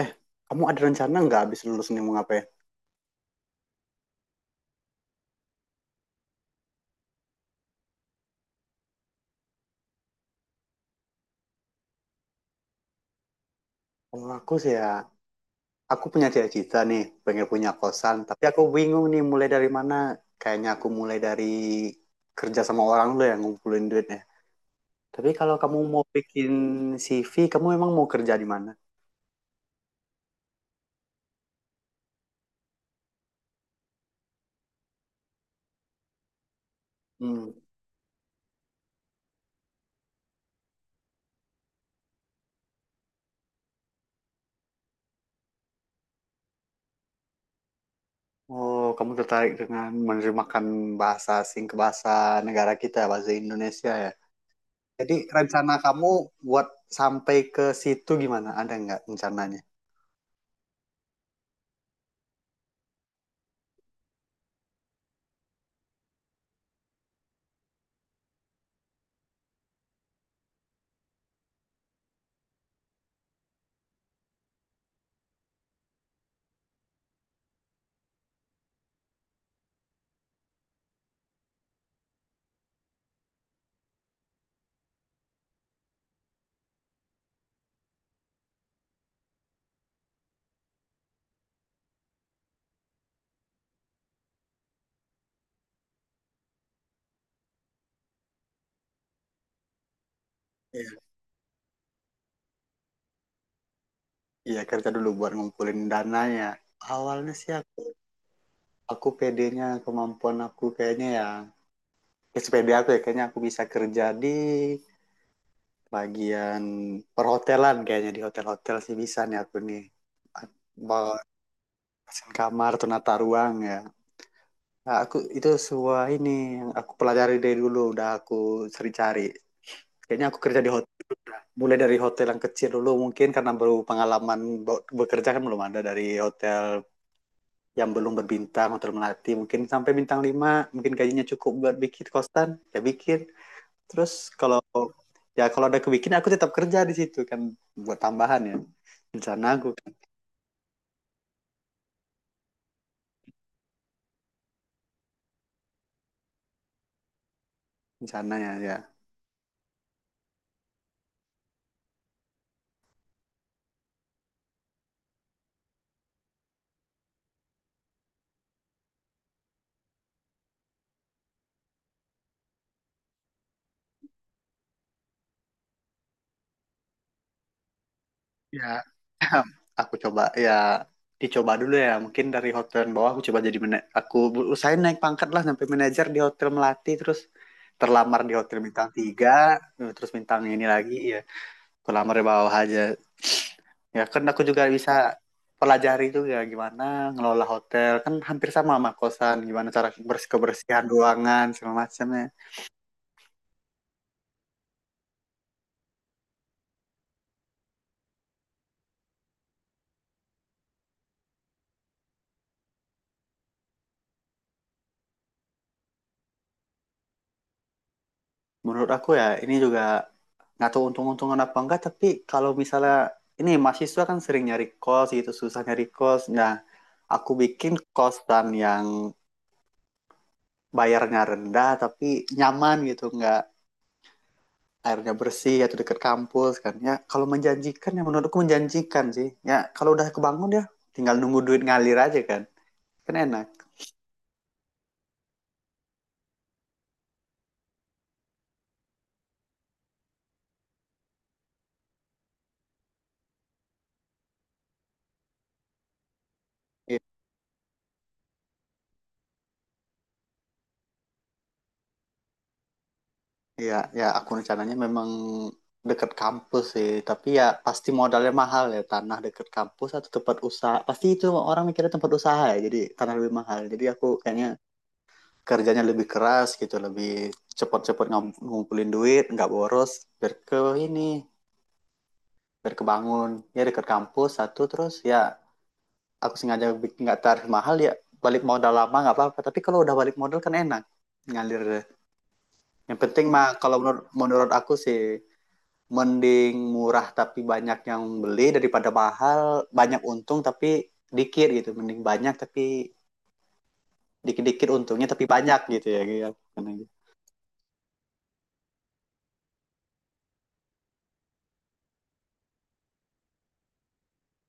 Eh, kamu ada rencana nggak habis lulus nih mau ngapain? Kalau aku sih ya, aku punya cita-cita nih, pengen punya kosan. Tapi aku bingung nih mulai dari mana. Kayaknya aku mulai dari kerja sama orang dulu yang ngumpulin duitnya. Tapi kalau kamu mau bikin CV, kamu emang mau kerja di mana? Hmm. Oh, kamu tertarik dengan menerjemahkan bahasa asing ke bahasa negara kita, ya, bahasa Indonesia ya? Jadi rencana kamu buat sampai ke situ gimana? Ada nggak rencananya? Iya. Iya, kerja dulu buat ngumpulin dananya. Awalnya sih aku pedenya kemampuan aku kayaknya ya, ya sepede aku ya, kayaknya aku bisa kerja di bagian perhotelan, kayaknya di hotel-hotel sih bisa nih aku nih, bawa desain kamar atau nata ruang ya. Nah, aku itu semua ini yang aku pelajari dari dulu udah aku cari-cari. Kayaknya aku kerja di hotel mulai dari hotel yang kecil dulu, mungkin karena baru pengalaman bekerja kan belum ada, dari hotel yang belum berbintang, hotel melati, mungkin sampai bintang lima, mungkin gajinya cukup buat bikin kosan, ya bikin. Terus kalau, ya kalau ada kebikin, aku tetap kerja di situ kan, buat tambahan ya, rencana aku, rencananya ya ya ya. Aku coba ya, dicoba dulu ya, mungkin dari hotel bawah aku coba, jadi mana aku usahain naik pangkat lah sampai manajer di hotel melati, terus terlamar di hotel bintang tiga, terus bintang ini lagi ya, aku lamar di bawah aja. Ya kan aku juga bisa pelajari juga gimana ngelola hotel, kan hampir sama sama kosan, gimana cara bersih, kebersihan ruangan segala macamnya. Menurut aku ya, ini juga nggak tahu untung-untungan apa enggak, tapi kalau misalnya ini mahasiswa kan sering nyari kos gitu, susah nyari kos. Nah, aku bikin kosan yang bayarnya rendah tapi nyaman gitu, nggak, airnya bersih atau dekat kampus kan, ya kalau menjanjikan ya menurutku menjanjikan sih ya. Kalau udah kebangun ya tinggal nunggu duit ngalir aja kan, kan enak. I- iya ya, aku rencananya memang dekat kampus sih, tapi ya pasti modalnya mahal ya, tanah dekat kampus atau tempat usaha pasti itu, orang mikirnya tempat usaha ya, jadi tanah lebih mahal, jadi aku kayaknya kerjanya lebih keras gitu, lebih cepat-cepat ngumpulin duit, nggak boros, biar ke ini biar kebangun ya. Dekat kampus satu, terus ya aku sengaja bikin nggak tarif mahal ya, balik modal lama nggak apa-apa, tapi kalau udah balik modal kan enak, ngalir. Yang penting mah kalau menurut menurut aku sih, mending murah tapi banyak yang beli daripada mahal banyak untung tapi dikit gitu, mending banyak tapi dikit-dikit untungnya tapi banyak gitu ya ya.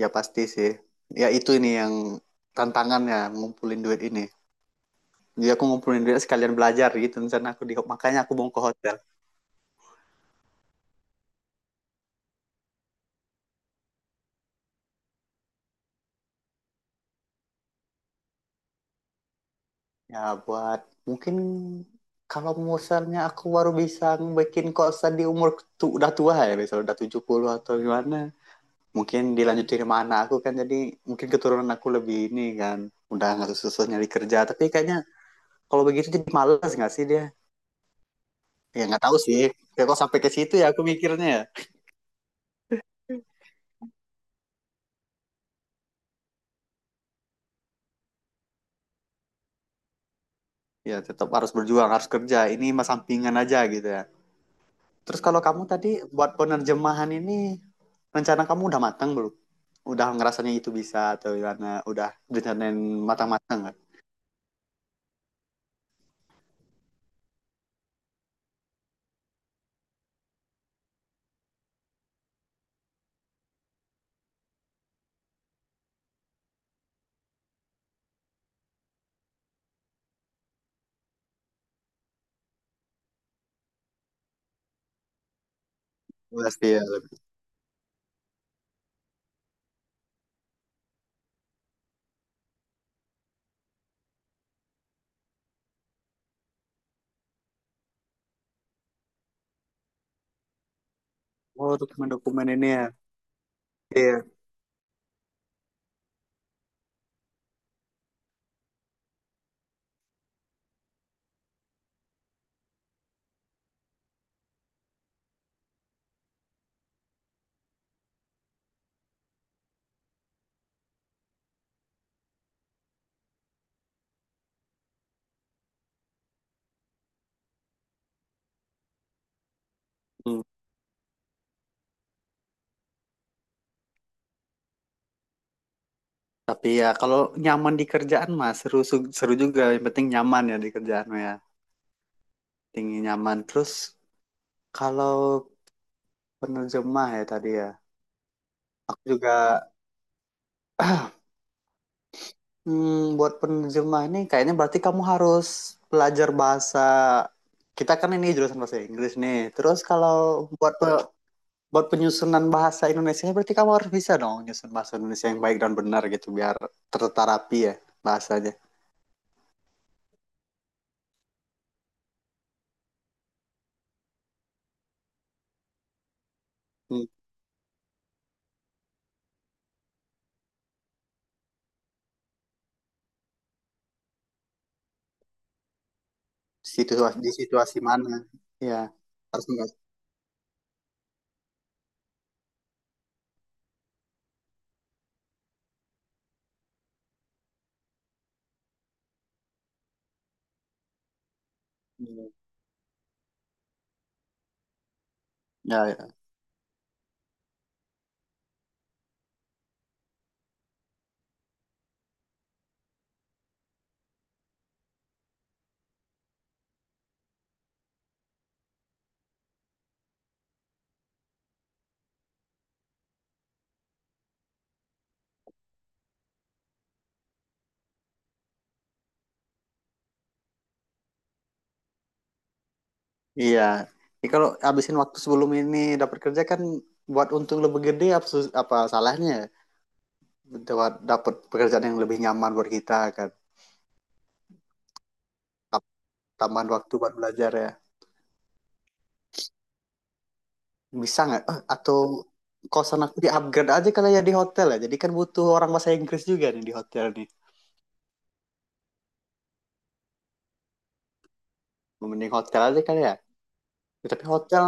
Ya pasti sih, ya itu ini yang tantangannya, ngumpulin duit ini. Jadi aku ngumpulin duit sekalian belajar gitu, misalnya aku di, makanya aku mau ke hotel, ya buat, mungkin kalau misalnya aku baru bisa bikin kosan di umur tu, udah tua ya, misalnya udah 70 atau gimana, mungkin dilanjut dari mana aku kan. Jadi mungkin keturunan aku lebih ini kan, udah nggak susah nyari kerja, tapi kayaknya kalau begitu jadi malas nggak sih dia. Ya nggak tahu sih, ya kok sampai ke situ ya aku mikirnya ya. Ya tetap harus berjuang, harus kerja ini mas, sampingan aja gitu ya. Terus kalau kamu tadi, buat penerjemahan ini, rencana kamu udah matang belum? Udah ngerasanya itu bisa atau gimana, udah rencanain matang-matang nggak? Udah sih ya. Oh, dokumen-dokumen ini ya, iya. Hmm. Tapi ya kalau nyaman di kerjaan mah seru, seru juga. Yang penting nyaman ya di kerjaan mah ya. Tinggi nyaman. Terus kalau penerjemah ya tadi ya. Aku juga buat penerjemah ini kayaknya berarti kamu harus belajar bahasa. Kita kan ini jurusan bahasa Inggris nih. Terus kalau buat pe- buat penyusunan bahasa Indonesia, berarti kamu harus bisa dong nyusun bahasa Indonesia yang baik dan benar gitu, biar terterapi ya bahasanya. Hmm, situasi di situasi mana? Ya, harus nggak. Hmm. Ya, ya. Iya. Ini kalau habisin waktu sebelum ini dapat kerja kan, buat untung lebih gede apa, apa salahnya? Buat dapat pekerjaan yang lebih nyaman buat kita kan. Tam- Tambahan waktu buat belajar ya. Bisa nggak? Eh, atau kosan aku di upgrade aja kali ya di hotel ya. Jadi kan butuh orang bahasa Inggris juga nih di hotel nih. Mending hotel aja kali ya. Tapi hotel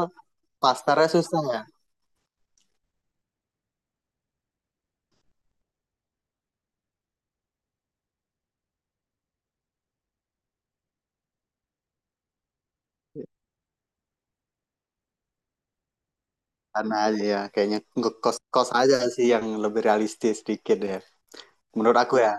pasarnya susah ya. Karena aja ya kayaknya ngekos-kos aja sih yang lebih realistis sedikit ya. Menurut aku ya.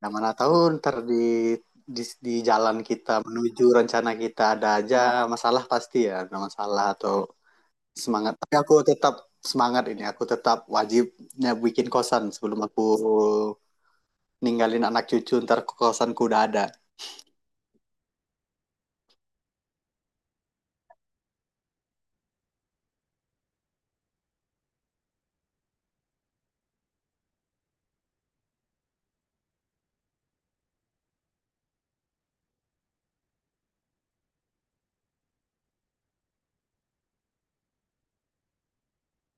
Nah, mana tahu ntar di, di di jalan kita menuju rencana kita ada aja masalah pasti ya, ada masalah atau semangat. Tapi aku tetap semangat ini, aku tetap wajibnya bikin kosan sebelum aku ninggalin anak cucu ntar kosanku udah ada.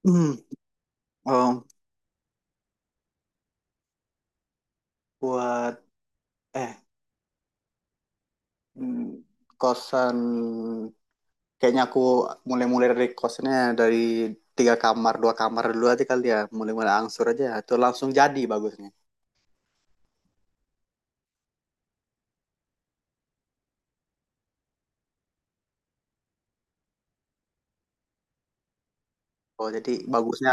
Hmm, oh, buat eh hmm, kosan kayaknya aku mulai-mulai dari kosannya dari tiga kamar, dua kamar dulu aja kali ya, mulai-mulai angsur aja atau langsung jadi bagusnya. Oh, jadi bagusnya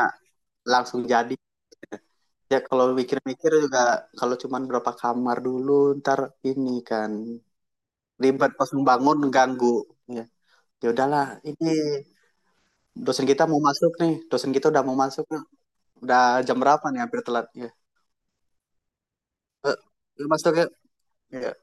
langsung jadi. Ya kalau mikir-mikir juga, kalau cuman berapa kamar dulu ntar ini kan ribet pas membangun, ganggu ya. Ya udahlah, ini dosen kita mau masuk nih, dosen kita udah mau masuk, udah jam berapa nih, hampir telat ya. Eh, ya masuk yuk ya.